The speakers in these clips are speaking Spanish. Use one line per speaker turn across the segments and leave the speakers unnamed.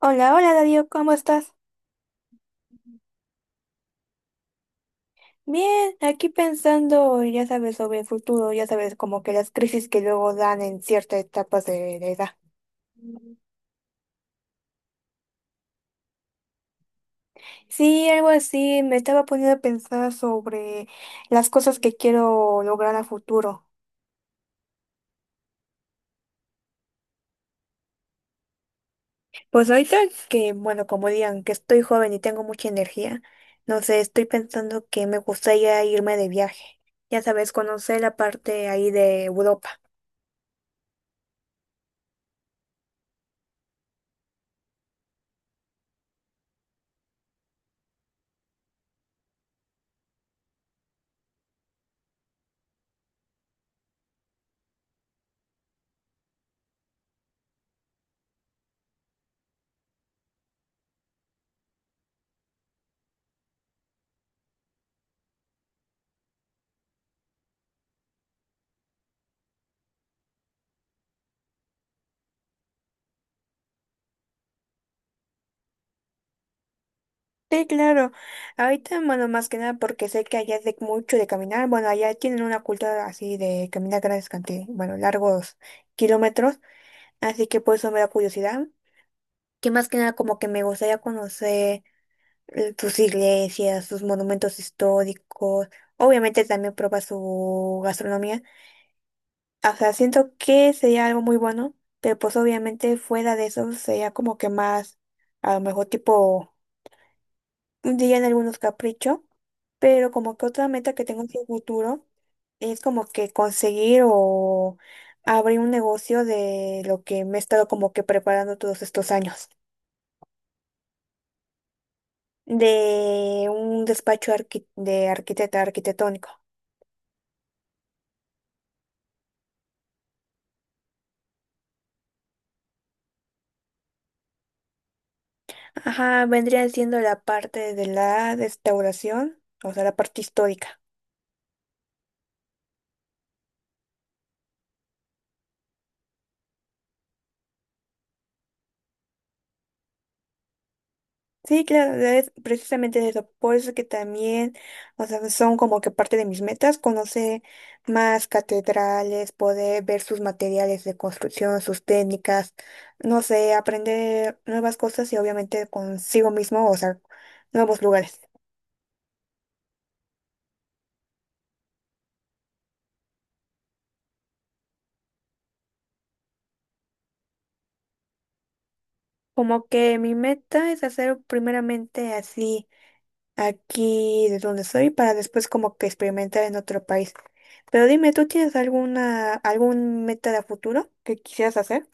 Hola, hola Darío, ¿cómo estás? Bien, aquí pensando, ya sabes, sobre el futuro, ya sabes, como que las crisis que luego dan en ciertas etapas de la edad. Sí, algo así, me estaba poniendo a pensar sobre las cosas que quiero lograr a futuro. Pues ahorita que, bueno, como digan, que estoy joven y tengo mucha energía, no sé, estoy pensando que me gustaría irme de viaje, ya sabes, conocer la parte ahí de Europa. Sí, claro. Ahorita, bueno, más que nada porque sé que allá es de mucho de caminar. Bueno, allá tienen una cultura así de caminar grandes cantidades, bueno, largos kilómetros. Así que por eso me da curiosidad. Que más que nada como que me gustaría conocer sus iglesias, sus monumentos históricos. Obviamente también probar su gastronomía. O sea, siento que sería algo muy bueno, pero pues obviamente fuera de eso sería como que más, a lo mejor tipo dirían algunos capricho, pero como que otra meta que tengo en el futuro es como que conseguir o abrir un negocio de lo que me he estado como que preparando todos estos años, de un despacho arqui- de arquitecta arquitectónico. Ajá, vendría siendo la parte de la restauración, o sea, la parte histórica. Sí, claro, es precisamente eso. Por eso que también, o sea, son como que parte de mis metas, conocer más catedrales, poder ver sus materiales de construcción, sus técnicas, no sé, aprender nuevas cosas y obviamente consigo mismo, o sea, nuevos lugares. Como que mi meta es hacer primeramente así aquí de donde soy para después como que experimentar en otro país. Pero dime, ¿tú tienes alguna, algún meta de futuro que quisieras hacer?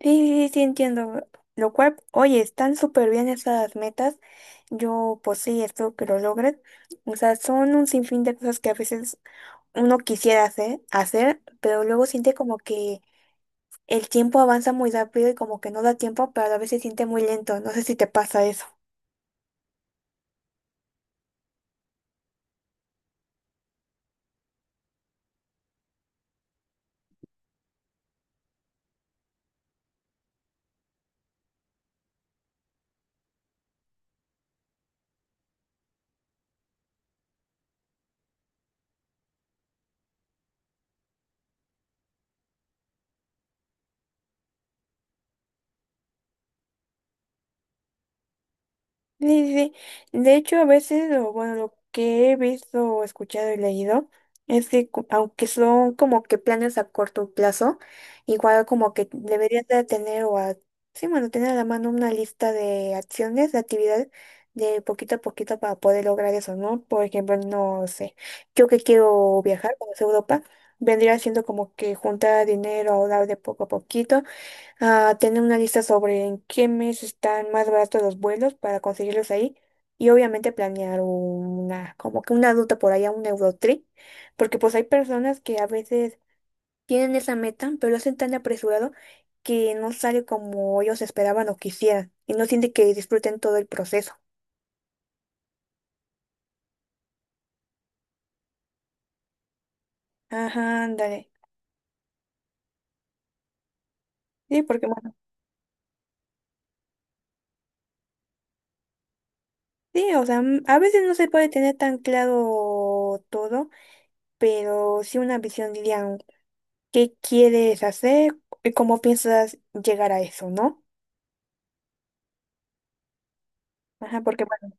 Sí, sí, sí, entiendo. Lo cual, oye, están súper bien esas metas. Yo, pues sí, espero que lo logres. O sea, son un sinfín de cosas que a veces uno quisiera hacer, pero luego siente como que el tiempo avanza muy rápido y como que no da tiempo, pero a veces siente muy lento. No sé si te pasa eso. Sí, sí, sí. De hecho, a veces, o bueno, lo que he visto, o escuchado y leído, es que aunque son como que planes a corto plazo, igual como que deberías de tener o a, sí, bueno, tener a la mano una lista de acciones, de actividades de poquito a poquito para poder lograr eso, ¿no? Por ejemplo, no sé, yo que quiero viajar, conocer Europa, vendría siendo como que juntar dinero, ahorrar de poco a poquito a tener una lista sobre en qué mes están más baratos los vuelos para conseguirlos ahí y obviamente planear una, como que una ruta por allá, un Eurotrip, porque pues hay personas que a veces tienen esa meta, pero lo hacen tan apresurado que no sale como ellos esperaban o quisieran y no sienten que disfruten todo el proceso. Ajá, ándale. Sí, porque bueno, sí, o sea, a veces no se puede tener tan claro todo, pero sí una visión, diría, qué quieres hacer y cómo piensas llegar a eso, ¿no? Ajá, porque bueno,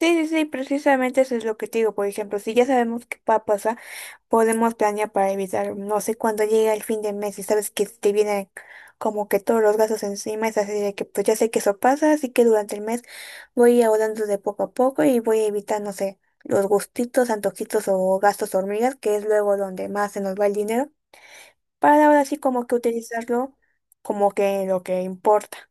sí, sí, sí, precisamente eso es lo que te digo. Por ejemplo, si ya sabemos qué va a pasar, podemos planear para evitar, no sé, cuando llega el fin de mes y sabes que te vienen como que todos los gastos encima, es así de que pues ya sé que eso pasa, así que durante el mes voy ahorrando de poco a poco y voy a evitar, no sé, los gustitos, antojitos o gastos hormigas, que es luego donde más se nos va el dinero, para ahora sí como que utilizarlo como que lo que importa.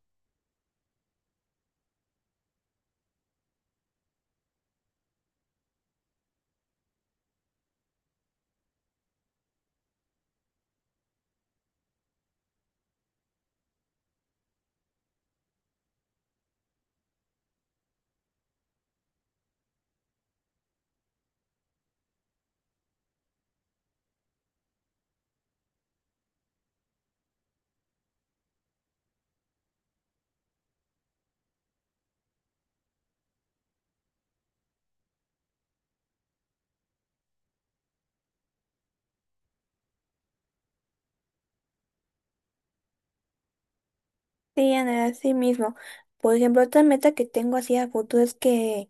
Sí, Ana, así mismo. Por ejemplo, otra meta que tengo así a futuro es que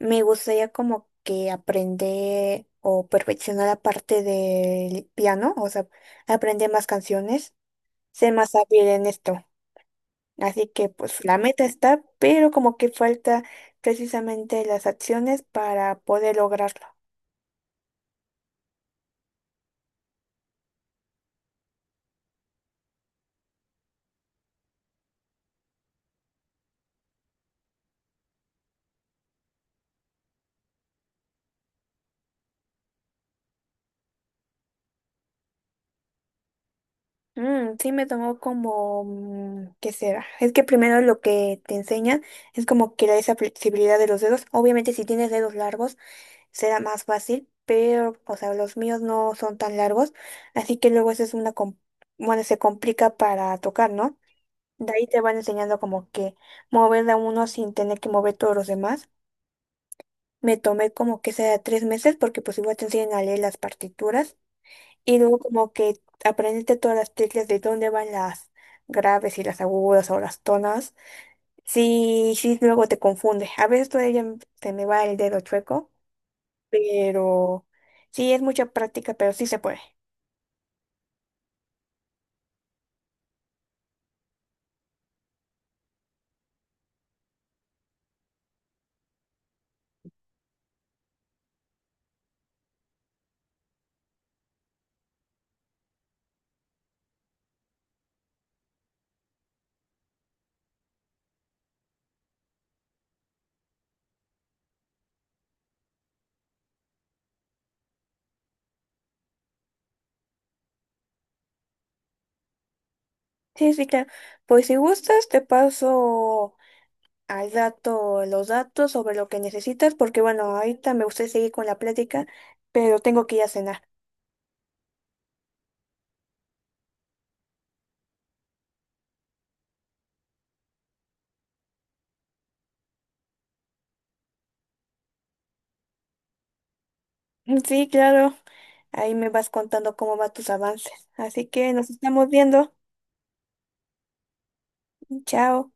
me gustaría como que aprender o perfeccionar la parte del piano, o sea, aprender más canciones, ser más hábil en esto. Así que pues la meta está, pero como que falta precisamente las acciones para poder lograrlo. Sí, me tomó como, ¿qué será? Es que primero lo que te enseñan es como que esa flexibilidad de los dedos. Obviamente si tienes dedos largos, será más fácil, pero, o sea, los míos no son tan largos, así que luego eso es una, bueno, se complica para tocar, ¿no? De ahí te van enseñando como que mover a uno sin tener que mover todos los demás. Me tomé como que sea 3 meses porque pues igual te enseñan a leer las partituras y luego como que aprendiste todas las teclas de dónde van las graves y las agudas o las tonas. Sí, sí, luego te confunde. A veces todavía se me va el dedo chueco. Pero sí, es mucha práctica, pero sí se puede. Sí, sí, claro. Pues si gustas, te paso al dato, los datos sobre lo que necesitas, porque bueno, ahorita me gustaría seguir con la plática, pero tengo que ir a cenar. Sí, claro. Ahí me vas contando cómo van tus avances. Así que nos estamos viendo. Chao.